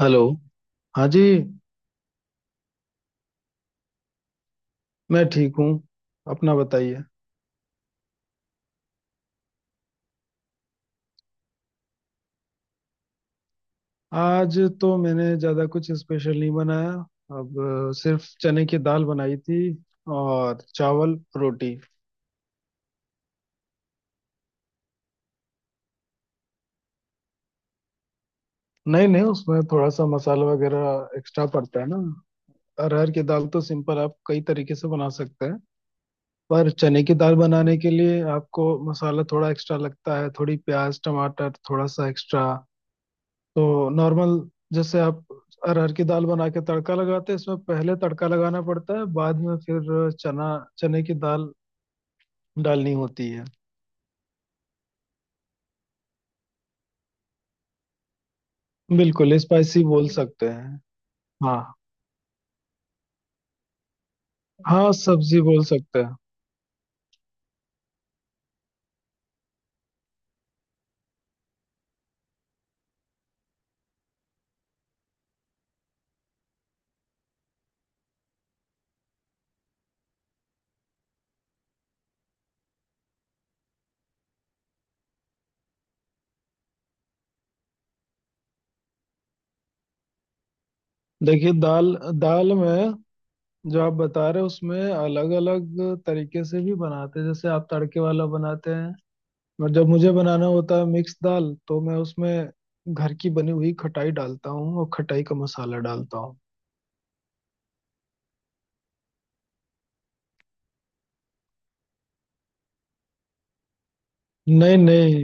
Hello. हाँ जी। मैं ठीक हूँ। अपना बताइए। आज तो मैंने ज़्यादा कुछ स्पेशल नहीं बनाया। अब सिर्फ चने की दाल बनाई थी। और चावल रोटी। नहीं, नहीं, उसमें थोड़ा सा मसाला वगैरह एक्स्ट्रा पड़ता है ना। अरहर की दाल तो सिंपल आप कई तरीके से बना सकते हैं। पर चने की दाल बनाने के लिए आपको मसाला थोड़ा एक्स्ट्रा लगता है, थोड़ी प्याज टमाटर थोड़ा सा एक्स्ट्रा। तो नॉर्मल जैसे आप अरहर की दाल बना के तड़का लगाते हैं, इसमें पहले तड़का लगाना पड़ता है, बाद में फिर चना चने की दाल डालनी होती है। बिल्कुल स्पाइसी बोल सकते हैं। हाँ। हाँ, सब्जी बोल सकते हैं। देखिए दाल दाल में जो आप बता रहे हो उसमें अलग अलग तरीके से भी बनाते हैं। जैसे आप तड़के वाला बनाते हैं। और जब मुझे बनाना होता है मिक्स दाल, तो मैं उसमें घर की बनी हुई खटाई डालता हूँ और खटाई का मसाला डालता हूँ। नहीं, नहीं,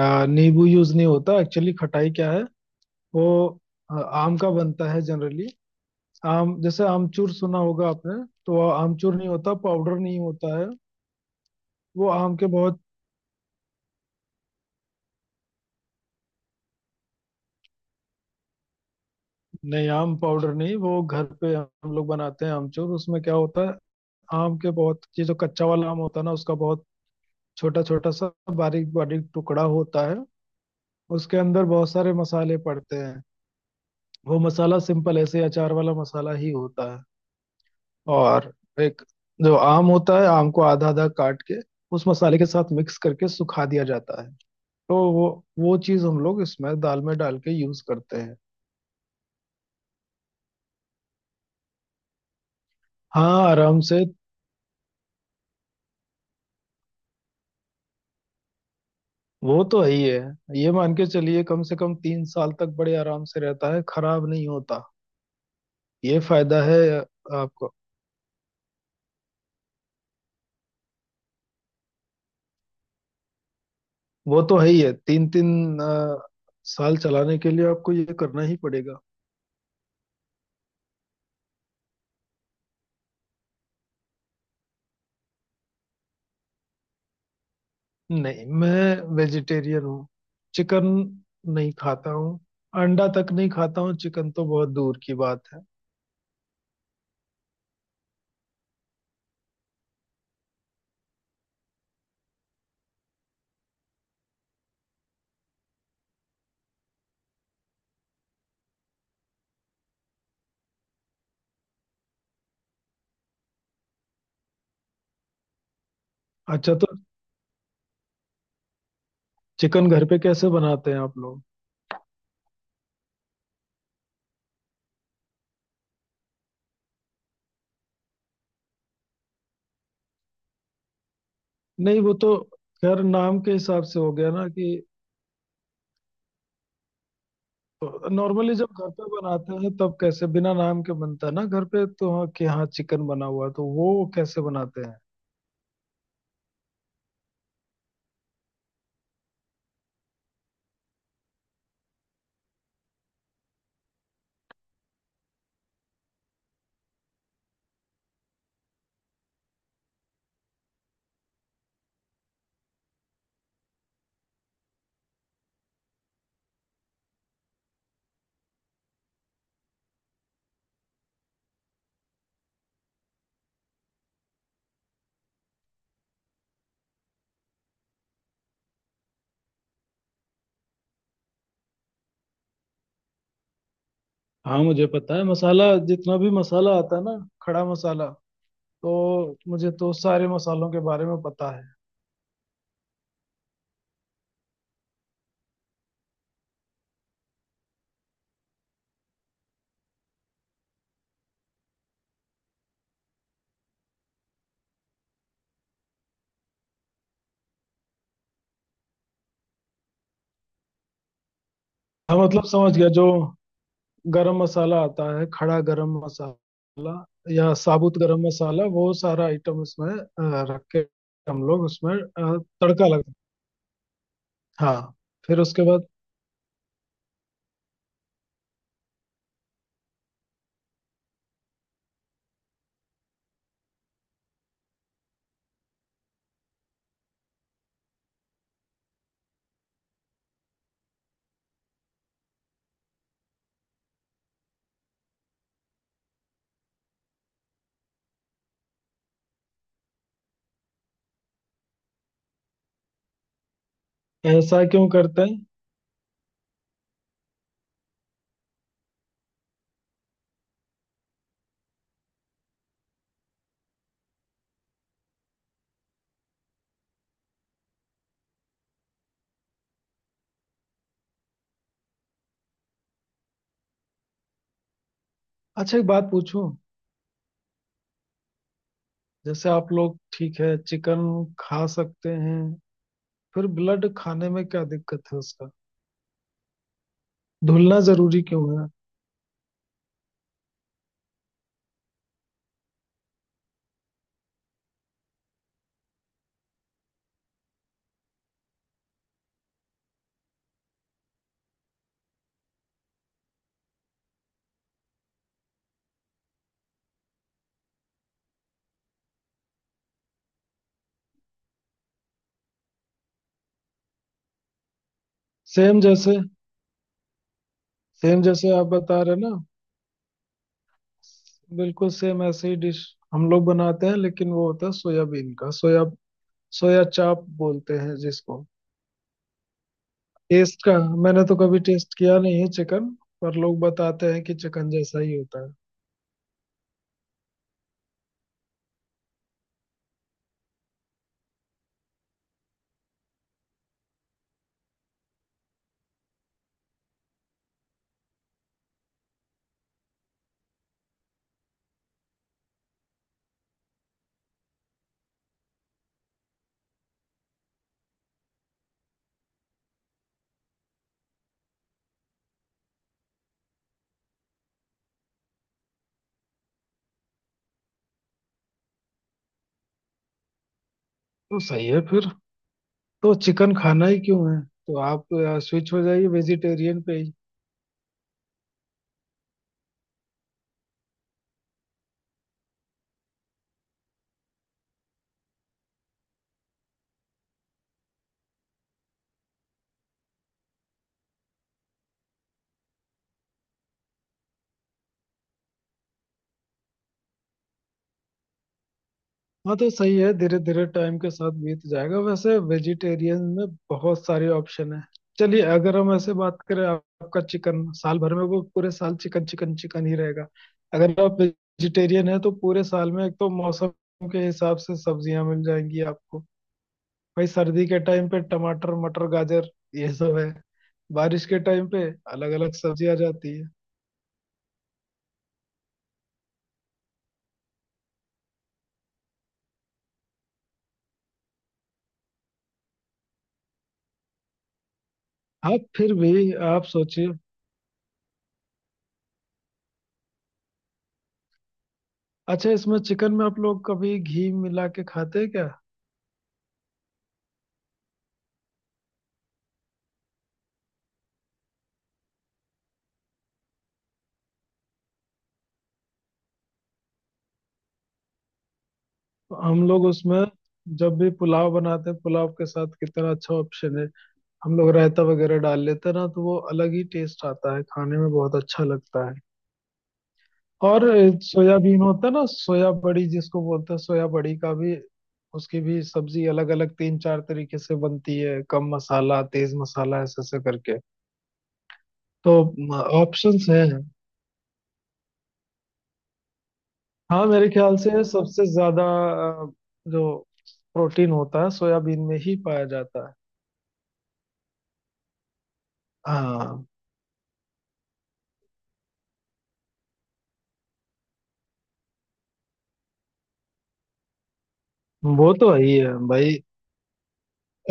नींबू यूज नहीं होता एक्चुअली। खटाई क्या है। वो आम का बनता है जनरली। आम जैसे आमचूर सुना होगा आपने। तो वो आमचूर नहीं होता, पाउडर नहीं होता है। वो आम के बहुत। नहीं, आम पाउडर नहीं, वो घर पे हम लोग बनाते हैं आमचूर। उसमें क्या होता है। आम के बहुत ये जो कच्चा वाला आम होता है ना, उसका बहुत छोटा छोटा सा, बारीक बारीक टुकड़ा होता है। उसके अंदर बहुत सारे मसाले पड़ते हैं। वो मसाला सिंपल ऐसे अचार वाला मसाला ही होता है। और एक जो आम होता है, आम को आधा आधा काट के उस मसाले के साथ मिक्स करके सुखा दिया जाता है। तो वो चीज हम लोग इसमें दाल में डाल के यूज करते हैं। हाँ, आराम से। वो तो है ही है। ये मान के चलिए कम से कम 3 साल तक बड़े आराम से रहता है, खराब नहीं होता। ये फायदा है। आपको वो तो है ही है, तीन तीन साल चलाने के लिए आपको ये करना ही पड़ेगा। नहीं, मैं वेजिटेरियन हूँ। चिकन नहीं खाता हूँ। अंडा तक नहीं खाता हूँ, चिकन तो बहुत दूर की बात है। अच्छा तो चिकन घर पे कैसे बनाते हैं आप लोग? नहीं, वो तो खैर नाम के हिसाब से हो गया ना कि नॉर्मली जब घर पे बनाते हैं तब कैसे बिना नाम के बनता है ना घर पे, तो हाँ कि हाँ चिकन बना हुआ है, तो वो कैसे बनाते हैं। हाँ, मुझे पता है, मसाला जितना भी मसाला आता है ना, खड़ा मसाला। तो मुझे तो सारे मसालों के बारे में पता है। हाँ, मतलब समझ गया, जो गरम मसाला आता है, खड़ा गरम मसाला या साबुत गरम मसाला, वो सारा आइटम उसमें रख के हम लोग उसमें तड़का लगा। हाँ। फिर उसके बाद। ऐसा क्यों करते हैं? अच्छा, एक बात पूछूं। जैसे आप लोग ठीक है चिकन खा सकते हैं। फिर ब्लड खाने में क्या दिक्कत है उसका। धुलना जरूरी क्यों है? सेम जैसे सेम जैसे आप बता रहे ना, बिल्कुल सेम ऐसे ही डिश हम लोग बनाते हैं, लेकिन वो होता है सोयाबीन का। सोया सोया चाप बोलते हैं जिसको। टेस्ट का। मैंने तो कभी टेस्ट किया नहीं है चिकन। पर लोग बताते हैं कि चिकन जैसा ही होता है। तो सही है फिर। तो चिकन खाना ही क्यों है। तो आप स्विच हो जाइए वेजिटेरियन पे ही। हाँ, तो सही है, धीरे धीरे टाइम के साथ बीत जाएगा। वैसे वेजिटेरियन में बहुत सारे ऑप्शन है। चलिए अगर हम ऐसे बात करें, आपका चिकन साल भर में वो पूरे साल चिकन चिकन चिकन ही रहेगा। अगर आप वेजिटेरियन है तो पूरे साल में, एक तो मौसम के हिसाब से सब्जियां मिल जाएंगी आपको। भाई सर्दी के टाइम पे टमाटर मटर गाजर ये सब है। बारिश के टाइम पे अलग अलग सब्जी आ जाती है। हाँ, फिर भी आप सोचिए। अच्छा, इसमें चिकन में आप लोग कभी घी मिला के खाते हैं क्या? तो हम लोग उसमें जब भी पुलाव बनाते हैं, पुलाव के साथ कितना अच्छा ऑप्शन है, हम लोग रायता वगैरह डाल लेते हैं ना, तो वो अलग ही टेस्ट आता है, खाने में बहुत अच्छा लगता है। और सोयाबीन होता है ना, सोया बड़ी जिसको बोलते हैं, सोया बड़ी का भी उसकी भी सब्जी अलग अलग तीन चार तरीके से बनती है, कम मसाला तेज मसाला ऐसे ऐसे करके। तो ऑप्शंस हैं। हाँ मेरे ख्याल से सबसे ज्यादा अ, जो प्रोटीन होता है सोयाबीन में ही पाया जाता है। हाँ। वो तो है ही है भाई।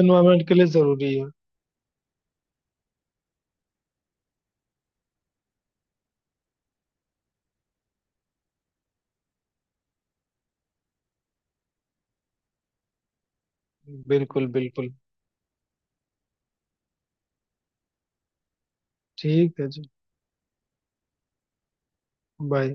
एनवायरमेंट के लिए जरूरी है। बिल्कुल, बिल्कुल। ठीक है जी। बाय।